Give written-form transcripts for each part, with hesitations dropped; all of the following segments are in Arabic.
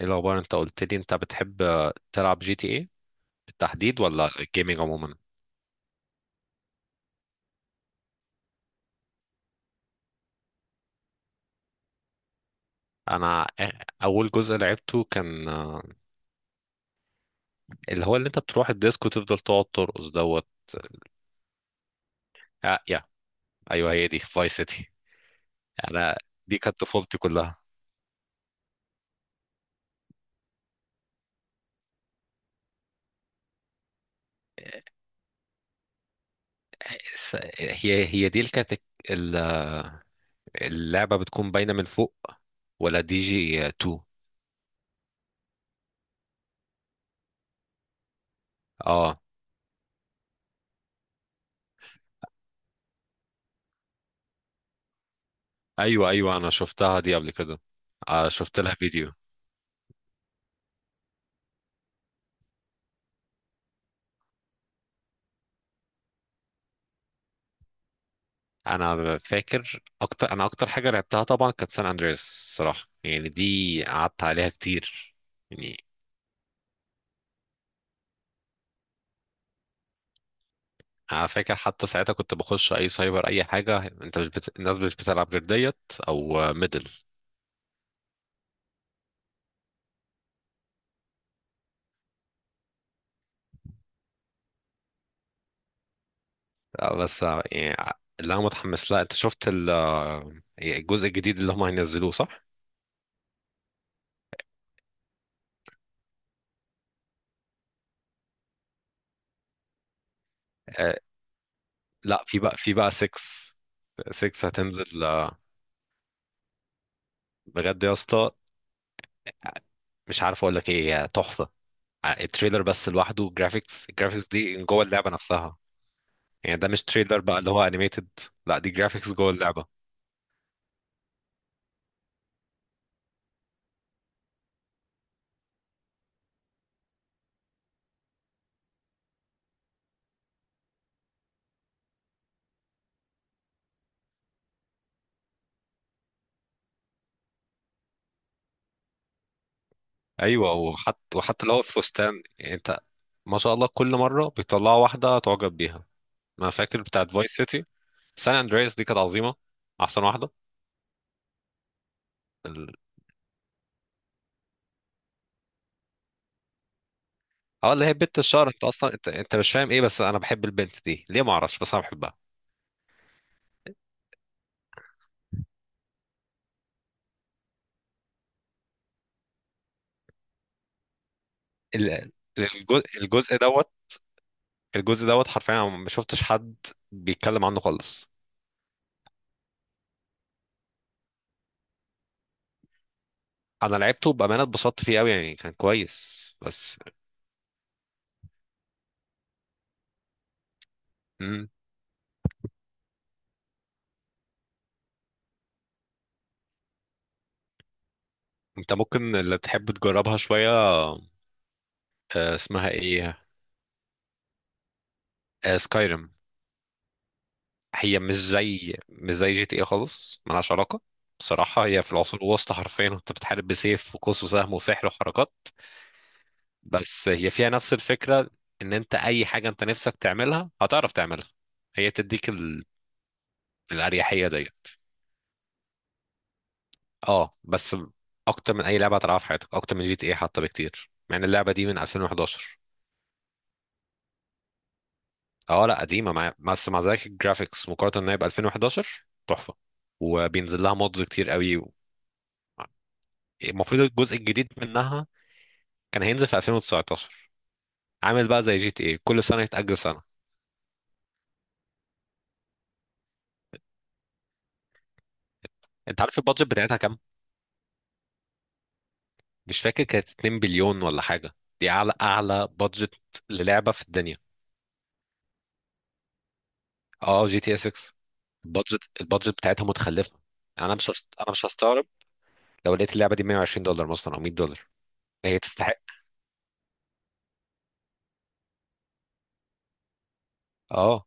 ايه الاخبار؟ انت قلت لي انت بتحب تلعب جي تي ايه بالتحديد ولا الجيمنج عموما؟ انا اول جزء لعبته كان اللي هو اللي انت بتروح الديسك وتفضل تقعد ترقص دوت. يا، ايوه هي دي فايس سيتي. انا، دي كانت طفولتي كلها. هي دي اللي كانت، ال- آه، اللعبه بتكون باينه من فوق ولا دي جي 2؟ اه، ايوه ايوه، انا شفتها دي قبل كده. شفت لها فيديو. انا اكتر حاجه لعبتها طبعا كانت سان اندريس، الصراحه يعني دي قعدت عليها كتير. يعني انا فاكر حتى ساعتها كنت بخش اي سايبر، اي حاجه، انت مش بت... الناس مش بتلعب غير ديت او ميدل. بس يعني اللي انا متحمس لها، انت شفت الجزء الجديد اللي هم هينزلوه صح؟ آه، لا، في بقى 6. 6 هتنزل بجد يا اسطى، مش عارف اقول لك ايه، هي تحفه. التريلر بس لوحده الجرافيكس دي جوه اللعبه نفسها. يعني ده مش تريلر بقى اللي هو انيميتد، لا دي جرافيكس جوه اللعبه. ايوه، وحتى اللي هو الفستان يعني انت... ما شاء الله، كل مره بيطلعوا واحده تعجب بيها. انا فاكر بتاعت فايس سيتي. سان اندرياس دي كانت عظيمه، احسن واحده. ال- اه اللي هي بنت الشهر، انت اصلا انت مش فاهم ايه بس انا بحب البنت دي ليه؟ ما اعرفش بس انا بحبها. ال- الجزء دوت. الجزء دوت حرفيا أنا ما شفتش حد بيتكلم عنه خالص. انا لعبته بامانه، اتبسطت فيه قوي، يعني كان كويس بس. انت ممكن اللي تحب تجربها شوية، اسمها ايه؟ سكايرم. هي مش زي جي تي ايه خالص، ملهاش علاقة. بصراحة هي في العصور الوسطى، حرفيا انت بتحارب بسيف وقوس وسهم وسحر وحركات. بس هي فيها نفس الفكرة، ان انت اي حاجة انت نفسك تعملها هتعرف تعملها. هي بتديك الاريحية ديت. اه بس، اكتر من اي لعبة هتلعبها في حياتك، اكتر من جي تي ايه حتى بكتير، مع ان اللعبة دي من 2011. اه لا، قديمه بس مع ذلك الجرافيكس، مقارنه ان هي ب 2011 تحفه، وبينزل لها مودز كتير قوي المفروض الجزء الجديد منها كان هينزل في 2019، عامل بقى زي جي تي ايه كل سنه يتاجل سنه. انت عارف البادجت بتاعتها كام؟ مش فاكر، كانت 2 بليون ولا حاجه، دي اعلى اعلى بادجت للعبه في الدنيا. اه، جي تي اس 6. البادجت بتاعتها متخلفه. يعني انا مش هستغرب لو لقيت اللعبه دي 120 دولار مثلا او 100 دولار، هي تستحق. اه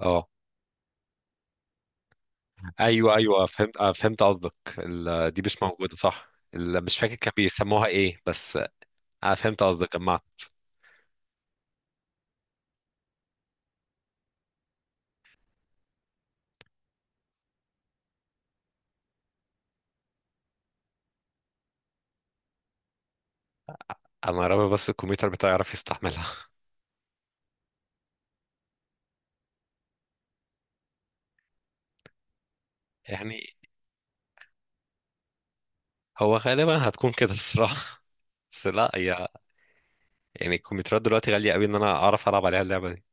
اه، ايوه ايوه، فهمت، فهمت قصدك. دي مش موجوده صح، مش فاكر كان بيسموها ايه بس. انا فهمت قصدك، جمعت. انا رامي بس الكمبيوتر بتاعي يعرف يستحملها. يعني هو غالبا هتكون كده الصراحه بس، لا هي يعني الكمبيوترات دلوقتي غاليه قوي ان انا اعرف العب عليها اللعبه دي.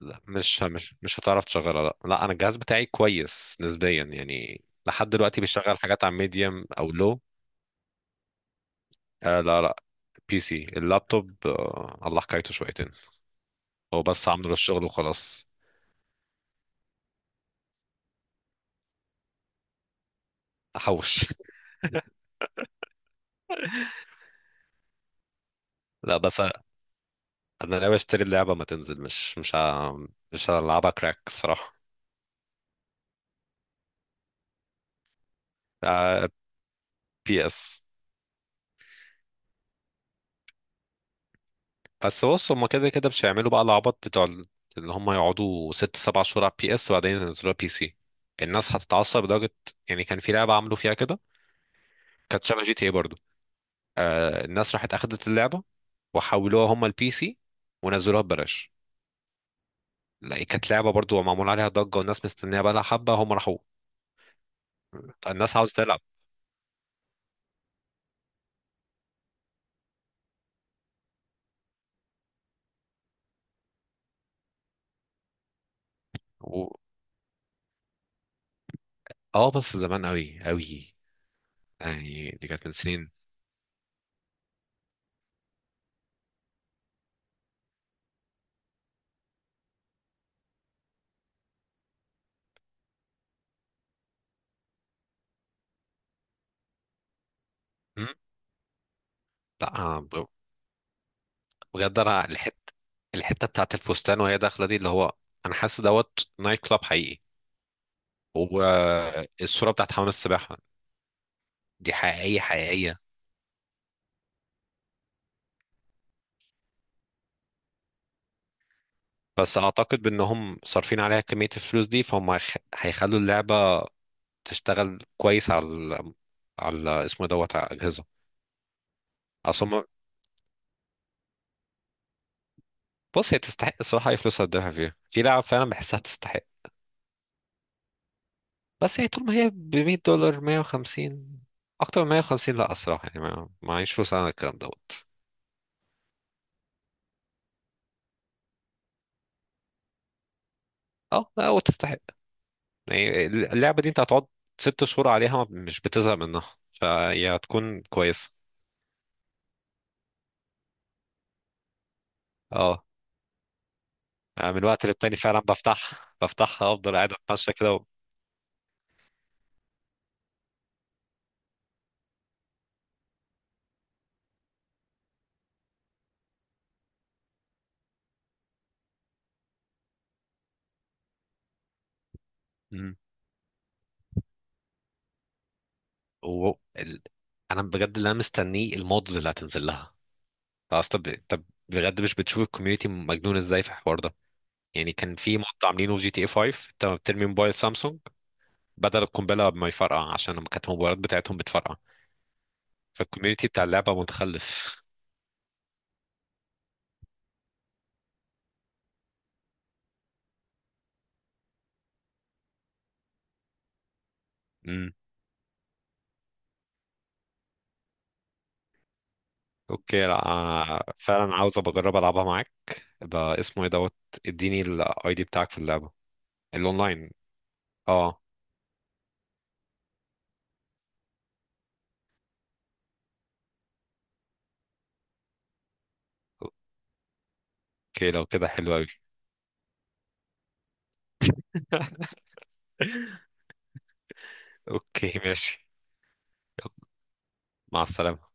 لا، مش هتعرف تشغلها، لا لا، انا الجهاز بتاعي كويس نسبيا يعني لحد دلوقتي بيشغل حاجات على ميديوم او لو... لا لا، بي سي. اللابتوب الله حكايته شويتين. هو بس عامله للشغل وخلاص. احوش. لا بس أنا ناوي اشتري اللعبه ما تنزل، مش هلعبها كراك الصراحه. بي اس. بس بص هما كده كده مش هيعملوا بقى العبط بتوع اللي هما يقعدوا ست سبع شهور على بي اس وبعدين ينزلوها بي سي. الناس هتتعصب لدرجه، يعني كان في لعبه عملوا فيها كده، كانت شبه جي تي اي برضه. الناس راحت اخدت اللعبه وحولوها هما البي سي ونزلوها ببلاش. لا كانت لعبه برضه معمول عليها ضجه والناس مستنيها بقى لها حبه، هما راحوا. الناس عاوزه تلعب. اه بس زمان قوي قوي، يعني دي كانت من سنين. مم. لا بجد انا الحته بتاعت الفستان وهي داخله دي، اللي هو انا حاسس دوت نايت كلاب حقيقي. والصوره بتاعت حمام السباحه دي حقيقيه حقيقيه. بس اعتقد بانهم صارفين عليها كميه الفلوس دي، فهم هيخلوا اللعبه تشتغل كويس على اسمه دوت على الاجهزه، اصل هم- بص هي تستحق الصراحه، اي فلوس هتدفع فيها في لعب فعلا بحسها تستحق. بس يعني طول ما هي ب 100 دولار، 150، اكتر من 150 لا الصراحه، يعني ما معيش فلوس على الكلام دوت. اه لا وتستحق، يعني اللعبه دي انت هتقعد 6 شهور عليها مش بتزهق منها، فهي هتكون كويسه. اه، أنا من وقت للتاني فعلا بفتحها بفتحها افضل قاعد اتمشى كده و... مم. و... ال... انا بجد اللي انا مستنيه المودز اللي هتنزل لها. طب بجد، مش بتشوف الكوميونتي مجنون ازاي في الحوار ده؟ يعني كان في مود عاملينه في جي تي اي 5، انت بترمي موبايل سامسونج بدل القنبله ما يفرقع عشان لما كانت الموبايلات بتاعتهم بتفرقع. فالكوميونتي بتاع اللعبه متخلف. امم اوكي، لا فعلا عاوز ابقى اجرب العبها معاك. يبقى اسمه ايه دوت. اديني الاي دي بتاعك في اللعبه الاونلاين. اه. اوكي، لو كده حلو قوي. اوكي ماشي. يلا، مع السلامه.